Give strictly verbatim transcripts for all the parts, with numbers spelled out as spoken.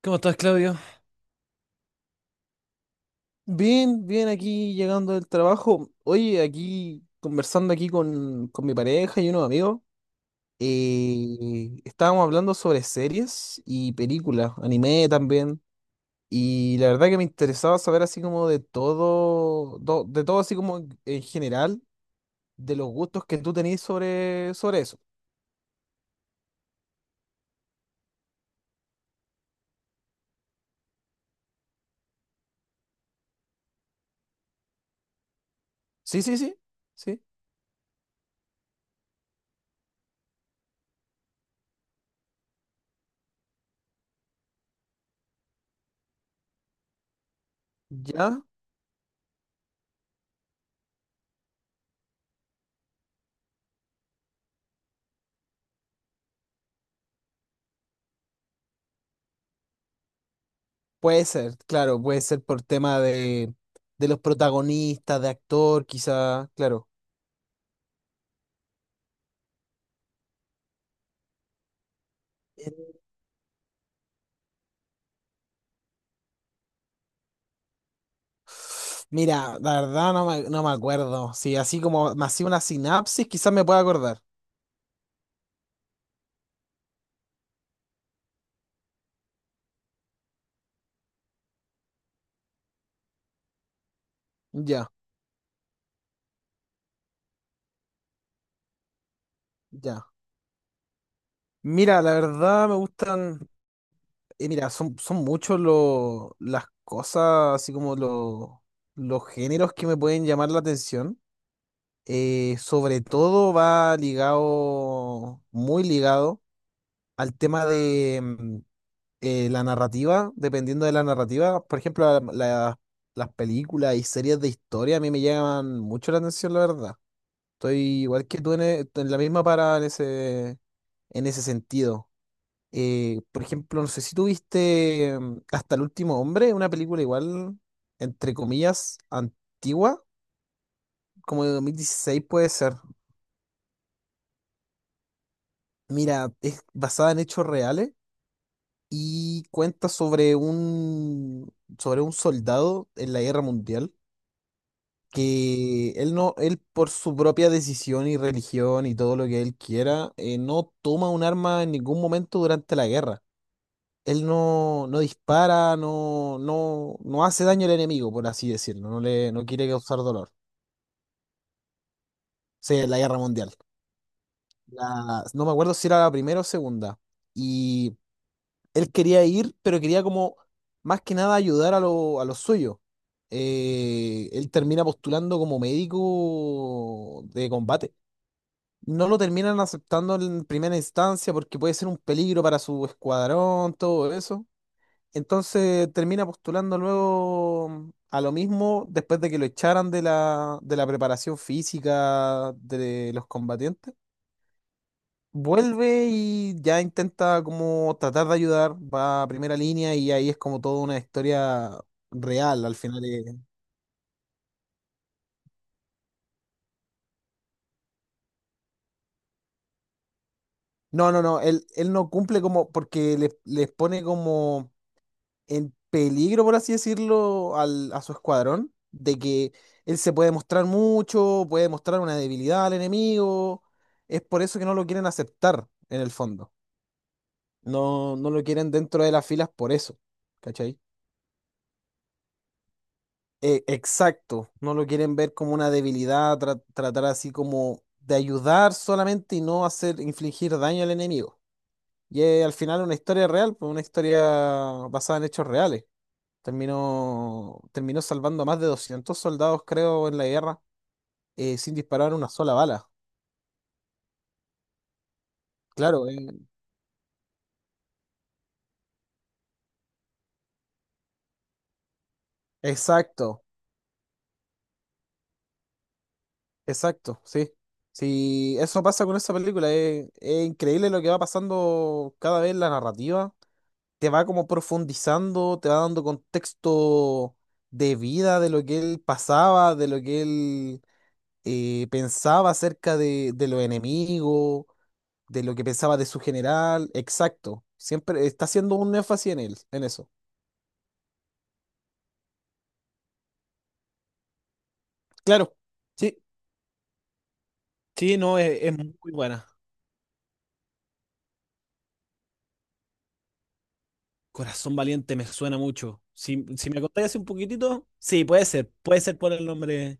¿Cómo estás, Claudio? Bien, bien aquí llegando del trabajo. Oye, aquí conversando aquí con, con mi pareja y unos amigos. Eh, estábamos hablando sobre series y películas, anime también. Y la verdad que me interesaba saber así como de todo, do- de todo así como en en general, de los gustos que tú tenés sobre, sobre eso. Sí, sí, sí, sí. Ya, puede ser, claro, puede ser por tema de, de, los protagonistas, de actor, quizá, claro. Mira, la verdad no me, no me acuerdo. Si así como me hacía una sinapsis, quizás me pueda acordar. Ya, ya. Mira, la verdad me gustan. eh, mira, son, son, muchos los las cosas, así como lo- los géneros que me pueden llamar la atención. Eh, sobre todo va ligado, muy ligado al tema de mm, eh, la narrativa, dependiendo de la narrativa. Por ejemplo, la- la- las películas y series de historia a mí me llaman mucho la atención, la verdad. Estoy igual que tú en, e- en la misma parada en ese, en ese, sentido. Eh, por ejemplo, no sé si tuviste mm, Hasta el Último Hombre, una película igual, entre comillas, antigua, como de dos mil dieciséis puede ser. Mira, es basada en hechos reales y cuenta sobre un, sobre un soldado en la guerra mundial que él no, él por su propia decisión y religión y todo lo que él quiera, eh, no toma un arma en ningún momento durante la guerra. Él no, no dispara, no, no, no hace daño al enemigo, por así decirlo, no le, no quiere causar dolor. O sea, la guerra mundial. La- no me acuerdo si era la primera o segunda. Y él quería ir, pero quería como más que nada ayudar a, lo- a los suyos. Eh, él termina postulando como médico de combate. No lo terminan aceptando en primera instancia porque puede ser un peligro para su escuadrón, todo eso. Entonces termina postulando luego a lo mismo después de que lo echaran de la, de la, preparación física de los combatientes. Vuelve y ya intenta como tratar de ayudar, va a primera línea y ahí es como toda una historia real al final. eh. No, no, no, él, él no cumple como porque les, les pone como en peligro, por así decirlo, al, a su escuadrón, de que él se puede mostrar mucho, puede mostrar una debilidad al enemigo. Es por eso que no lo quieren aceptar, en el fondo. No, no lo quieren dentro de las filas por eso, ¿cachai? Eh, exacto, no lo quieren ver como una debilidad, tra- tratar así como de ayudar solamente y no hacer infligir daño al enemigo. Y es al final una historia real, pues, una historia basada en hechos reales. Terminó, terminó salvando a más de doscientos soldados, creo, en la guerra, eh, sin disparar una sola bala. Claro, eh, exacto, exacto, sí. Sí, eso pasa con esa película. es Es, increíble lo que va pasando cada vez en la narrativa. Te va como profundizando, te va dando contexto de vida, de lo que él pasaba, de lo que él eh, pensaba acerca de, de, los enemigos, de lo que pensaba de su general, exacto. Siempre está haciendo un énfasis en él, en eso. Claro, sí, sí, no, es, es muy buena. Corazón Valiente me suena mucho. Si, si me contáis hace un poquitito, sí, puede ser, puede ser por el nombre.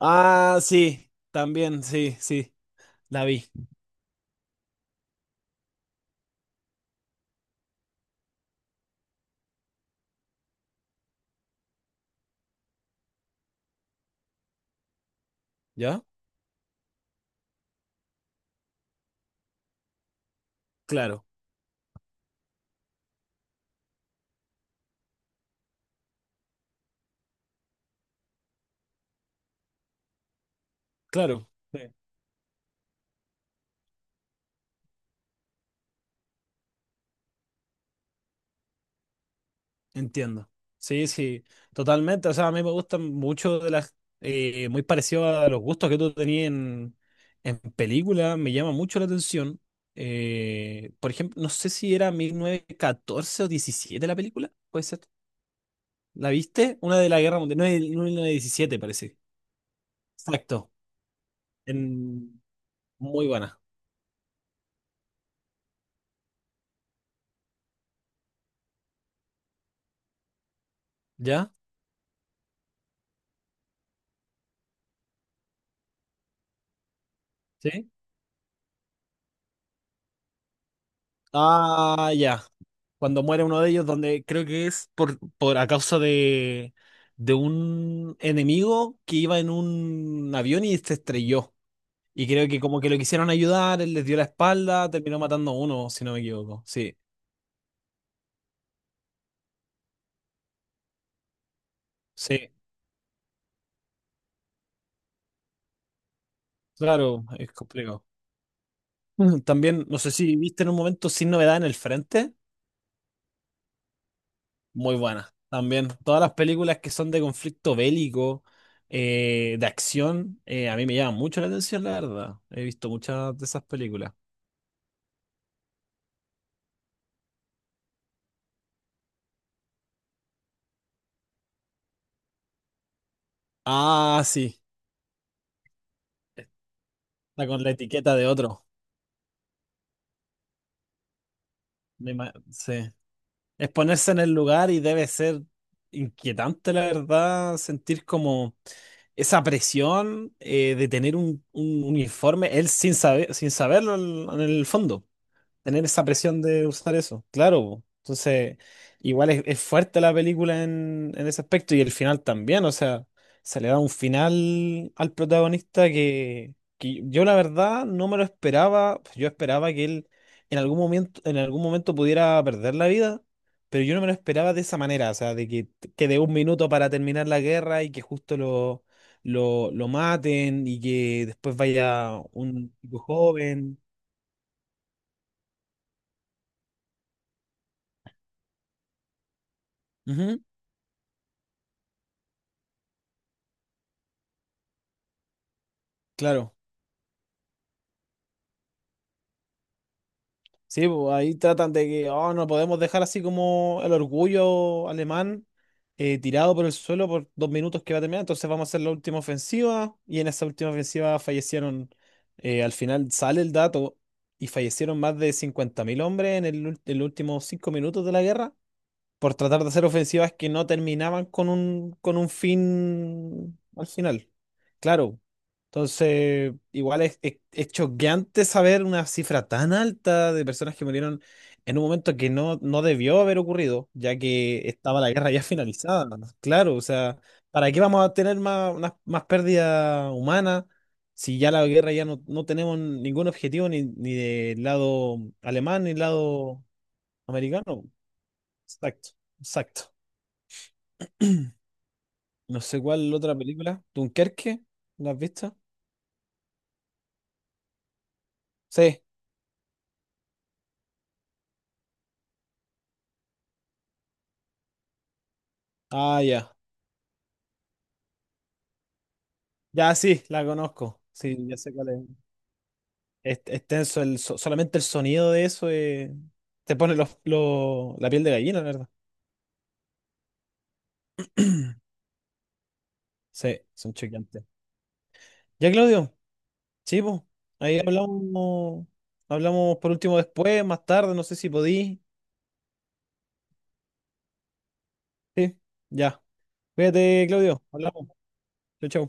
Ah, sí, también, sí, sí, la vi. ¿Ya? Claro, claro. sí Entiendo. Sí, sí, totalmente. O sea, a mí me gustan mucho de las. Eh, muy parecido a los gustos que tú tenías en, en, película. Me llama mucho la atención. Eh, por ejemplo, no sé si era mil novecientos catorce o diecisiete la película. Puede ser. ¿La viste? Una de la Guerra Mundial. No, mil novecientos diecisiete parece. Exacto. En- muy buena. ¿Ya? ¿Sí? Ah, ya. Cuando muere uno de ellos, donde creo que es por, por, a causa de, de un enemigo que iba en un avión y se estrelló. Y creo que como que lo quisieron ayudar, él les dio la espalda, terminó matando a uno, si no me equivoco. Sí, sí, claro, es complicado. Ujú. También, no sé si viste en un momento Sin Novedad en el Frente, muy buena. También, todas las películas que son de conflicto bélico, eh, de acción, eh, a mí me llaman mucho la atención, la verdad. He visto muchas de esas películas. Ah, sí, la con la etiqueta de otro. Me ima- sí. Es ponerse en el lugar y debe ser inquietante, la verdad, sentir como esa presión eh, de tener un, un, uniforme, él sin saber, sin saberlo en en el fondo. Tener esa presión de usar eso, claro, po. Entonces, igual es, es, fuerte la película en, en ese aspecto y el final también, o sea, se le da un final al protagonista que, que, yo la verdad no me lo esperaba, yo esperaba que él en algún momento, en algún momento pudiera perder la vida, pero yo no me lo esperaba de esa manera, o sea, de que, que de un minuto para terminar la guerra y que justo lo. Lo, lo maten y que después vaya un chico joven. Ujú, claro. Sí, pues ahí tratan de que, oh, no podemos dejar así como el orgullo alemán eh, tirado por el suelo por dos minutos que va a terminar. Entonces vamos a hacer la última ofensiva. Y en esa última ofensiva fallecieron, eh, al final sale el dato, y fallecieron más de cincuenta mil hombres en el, ul- en los últimos cinco minutos de la guerra por tratar de hacer ofensivas que no terminaban con un, con un, fin al final. Claro. Entonces, igual es, es, es choqueante saber una cifra tan alta de personas que murieron en un momento que no, no debió haber ocurrido, ya que estaba la guerra ya finalizada. Claro, o sea, ¿para qué vamos a tener más, unas- más, pérdida humana si ya la guerra ya no, no, tenemos ningún objetivo ni, ni del lado alemán ni del lado americano? Exacto, exacto. No sé cuál otra película. ¿Dunkerque? ¿La has visto? Sí. Ah, ya. Ya sí, la conozco. Sí, ya sé cuál es. Es, es tenso el, so- solamente el sonido de eso, eh, te pone los, los- la piel de gallina, la verdad. Sí, son choqueantes. Ya, Claudio, sí, po. Ahí hablamos, hablamos por último después, más tarde, no sé si podí. Sí, ya. Cuídate, Claudio. Hablamos. Chau, chau.